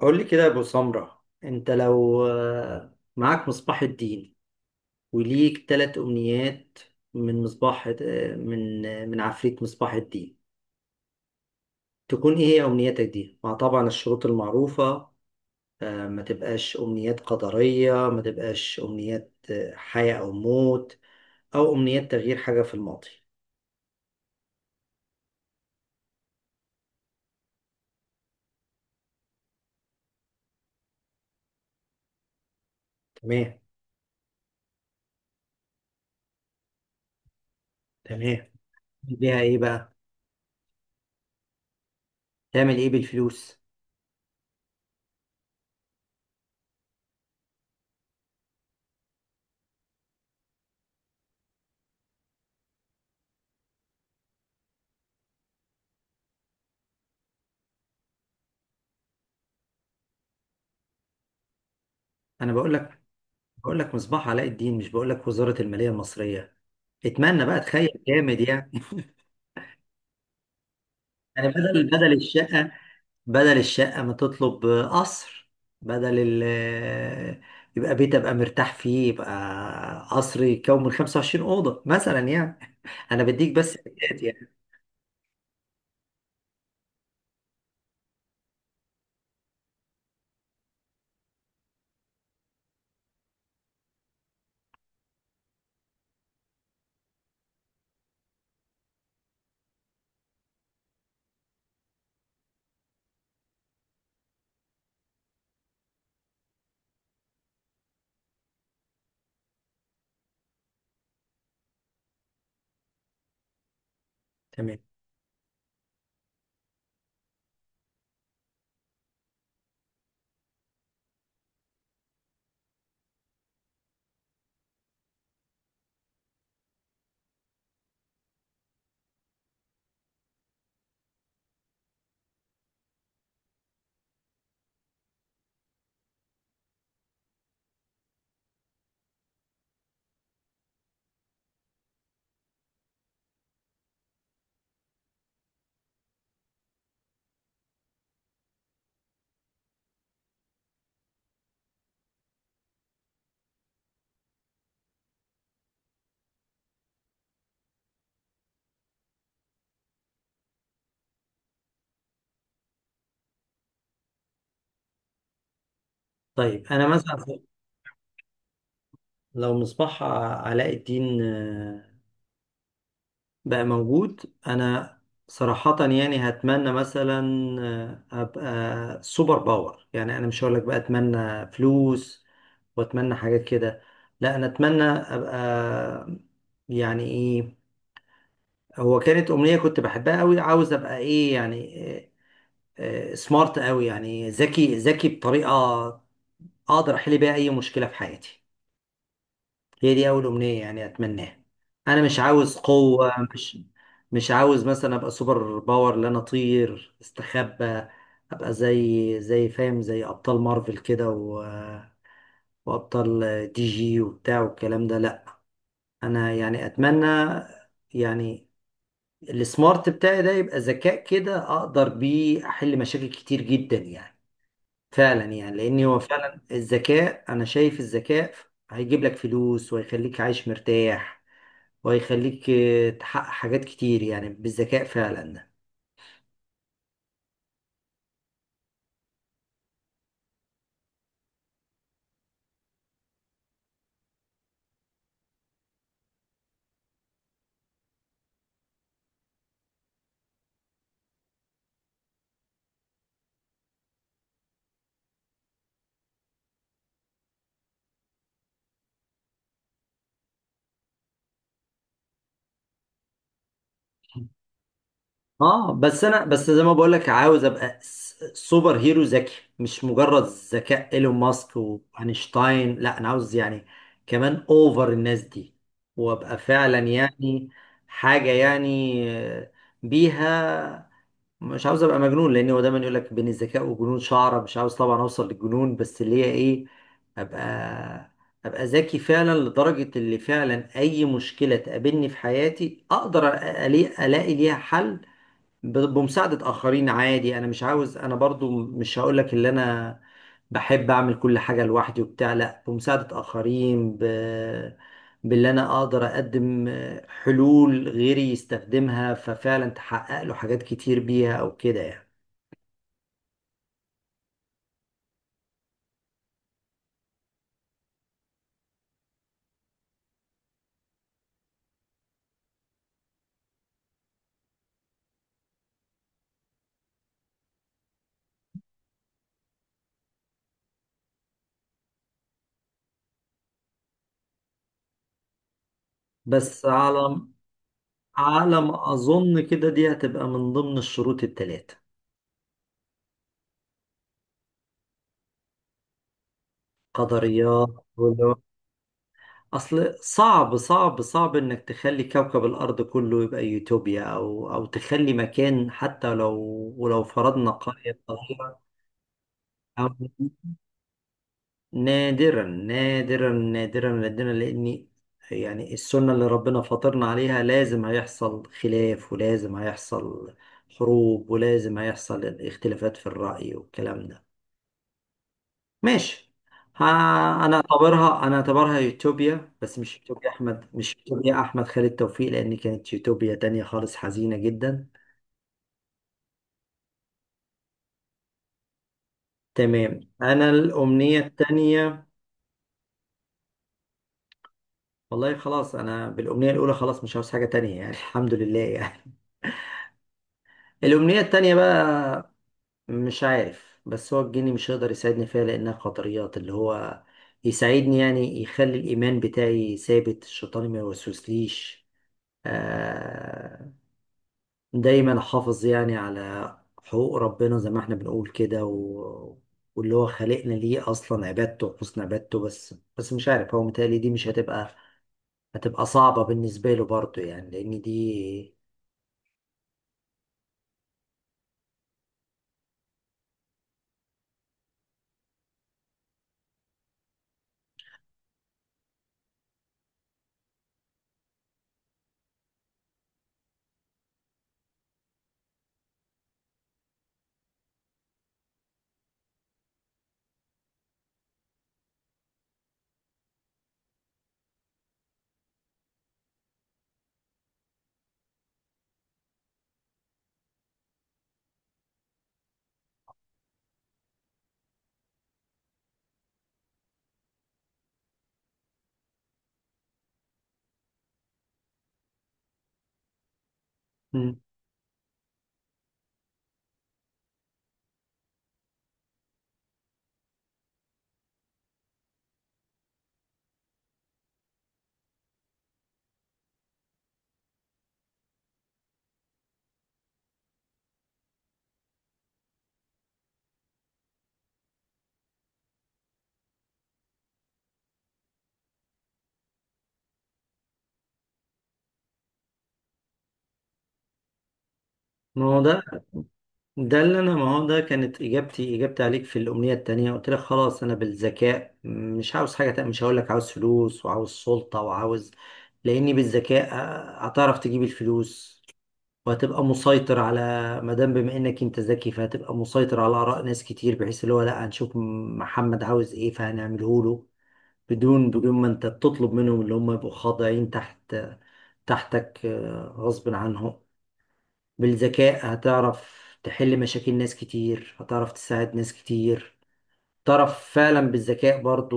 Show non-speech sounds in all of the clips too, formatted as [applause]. قول لي كده يا ابو سمرة، انت لو معاك مصباح الدين وليك ثلاث امنيات من مصباح، آه، من آه، من عفريت مصباح الدين، تكون ايه هي امنياتك دي؟ مع طبعا الشروط المعروفة، ما تبقاش امنيات قدرية، ما تبقاش امنيات حياة او موت، او امنيات تغيير حاجة في الماضي. تمام. تمام. ليها ايه بقى؟ تعمل ايه بالفلوس؟ انا بقول لك مصباح علاء الدين، مش بقول لك وزارة المالية المصرية. اتمنى بقى، تخيل جامد يعني. [laughs] يعني بدل الشقة، بدل الشقة ما تطلب قصر، بدل ال يبقى بيت ابقى مرتاح فيه، يبقى قصر يكون من 25 أوضة مثلا يعني. انا بديك بس بدايات يعني. تمام. طيب انا مثلا لو مصباح علاء الدين بقى موجود، انا صراحة يعني هتمنى مثلا ابقى سوبر باور. يعني انا مش هقولك بقى اتمنى فلوس واتمنى حاجات كده، لا انا اتمنى ابقى، يعني ايه، هو كانت امنية كنت بحبها قوي، عاوز ابقى ايه يعني سمارت قوي، يعني ذكي بطريقة اقدر احل بيها اي مشكلة في حياتي. هي دي اول امنيه يعني اتمناها. انا مش عاوز قوه، مش مش عاوز مثلا ابقى سوبر باور لا انا اطير استخبى، ابقى زي فاهم، زي ابطال مارفل كده و... وابطال دي جي وبتاع والكلام ده، لا. انا يعني اتمنى يعني السمارت بتاعي ده يبقى ذكاء كده اقدر بيه احل مشاكل كتير جدا يعني، فعلا يعني. لان هو فعلا الذكاء، انا شايف الذكاء هيجيب لك فلوس وهيخليك عايش مرتاح، وهيخليك تحقق حاجات كتير يعني، بالذكاء فعلا. اه بس انا بس زي ما بقول لك، عاوز ابقى سوبر هيرو ذكي، مش مجرد ذكاء ايلون ماسك واينشتاين، لا انا عاوز يعني كمان اوفر الناس دي، وابقى فعلا يعني حاجة يعني بيها. مش عاوز ابقى مجنون، لان هو دايما يقول لك بين الذكاء والجنون شعره، مش عاوز طبعا اوصل للجنون، بس اللي هي ايه، ابقى ابقى ذكي فعلا لدرجه اللي فعلا اي مشكله تقابلني في حياتي اقدر الاقي ليها حل، بمساعدة آخرين عادي. أنا مش عاوز، أنا برضو مش هقولك اللي أنا بحب أعمل كل حاجة لوحدي وبتاع، لأ بمساعدة آخرين، ب... باللي أنا أقدر أقدم حلول غيري يستخدمها ففعلا تحقق له حاجات كتير بيها أو كده يعني. بس على على ما أظن كده دي هتبقى من ضمن الشروط التلاتة، قدريات. اصل صعب صعب انك تخلي كوكب الارض كله يبقى يوتوبيا، او او تخلي مكان حتى لو ولو فرضنا قرية صغيرة، أو نادرا نادرا نادرا نادرا. لان يعني السنة اللي ربنا فطرنا عليها لازم هيحصل خلاف، ولازم هيحصل حروب، ولازم هيحصل اختلافات في الرأي والكلام ده. ماشي. ها، انا اعتبرها يوتوبيا، بس مش يوتوبيا احمد، مش يوتوبيا احمد خالد توفيق، لان كانت يوتوبيا تانية خالص حزينة جدا. تمام. انا الامنية التانية، والله خلاص انا بالامنية الاولى خلاص مش عاوز حاجة تانية يعني. [laughs] الحمد لله يعني. الامنية التانية بقى، مش عارف، بس هو الجني مش هيقدر يساعدني فيها لانها قدريات، اللي هو يساعدني يعني يخلي الايمان بتاعي ثابت، الشيطان ما يوسوسليش، آه، دايما حافظ يعني على حقوق ربنا زي ما احنا بنقول كده و... واللي هو خلقنا ليه اصلا عبادته وحسن عبادته. بس مش عارف هو متهيألي دي مش هتبقى، هتبقى صعبة بالنسبة له برضه يعني، لان دي. مم. ما هو ده، ده اللي انا، ما هو ده كانت اجابتي، اجابتي عليك في الامنية التانية قلت لك خلاص انا بالذكاء مش عاوز حاجة تانية، مش هقول لك عاوز فلوس وعاوز سلطة وعاوز، لاني بالذكاء هتعرف تجيب الفلوس، وهتبقى مسيطر على، ما دام بما انك انت ذكي فهتبقى مسيطر على اراء ناس كتير، بحيث اللي هو لا هنشوف محمد عاوز ايه فهنعمله له، بدون ما انت بتطلب منهم اللي هم يبقوا خاضعين تحت تحتك غصب عنهم. بالذكاء هتعرف تحل مشاكل ناس كتير، هتعرف تساعد ناس كتير، تعرف فعلا بالذكاء برضو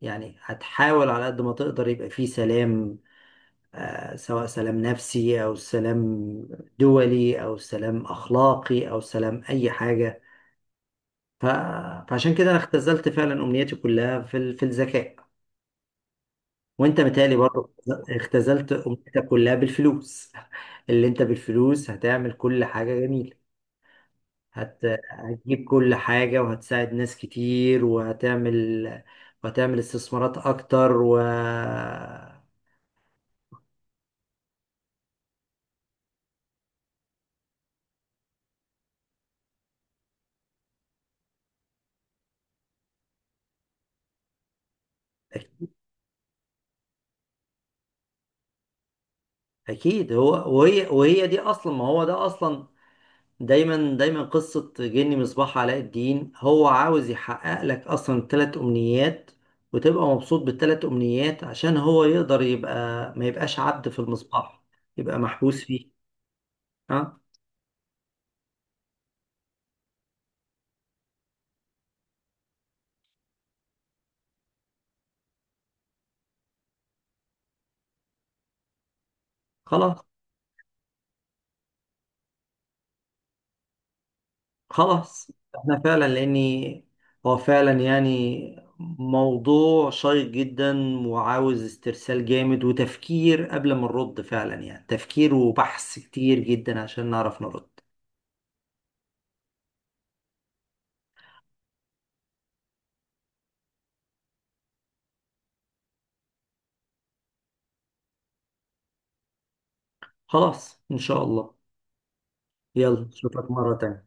يعني هتحاول على قد ما تقدر يبقى فيه سلام، سواء سلام نفسي أو سلام دولي أو سلام أخلاقي أو سلام أي حاجة. ف... فعشان كده أنا اختزلت فعلا أمنياتي كلها في ال... في الذكاء. وأنت متهيألي برضه اختزلت أمنيتك كلها بالفلوس. [laughs] اللي أنت بالفلوس هتعمل كل حاجة جميلة، هت... هتجيب كل حاجة وهتساعد ناس كتير وهتعمل، وهتعمل استثمارات أكتر و... أكيد هو، وهي وهي دي أصلا، ما هو ده أصلا دايما دايما قصة جني مصباح علاء الدين هو عاوز يحقق لك أصلا التلات أمنيات وتبقى مبسوط بالتلات أمنيات عشان هو يقدر يبقى، ما يبقاش عبد في المصباح، يبقى محبوس فيه. ها. خلاص. خلاص احنا فعلا، لأني هو فعلا يعني موضوع شيق جدا وعاوز استرسال جامد وتفكير قبل ما نرد فعلا يعني، تفكير وبحث كتير جدا عشان نعرف نرد. خلاص إن شاء الله. يلا اشوفك مرة تانية.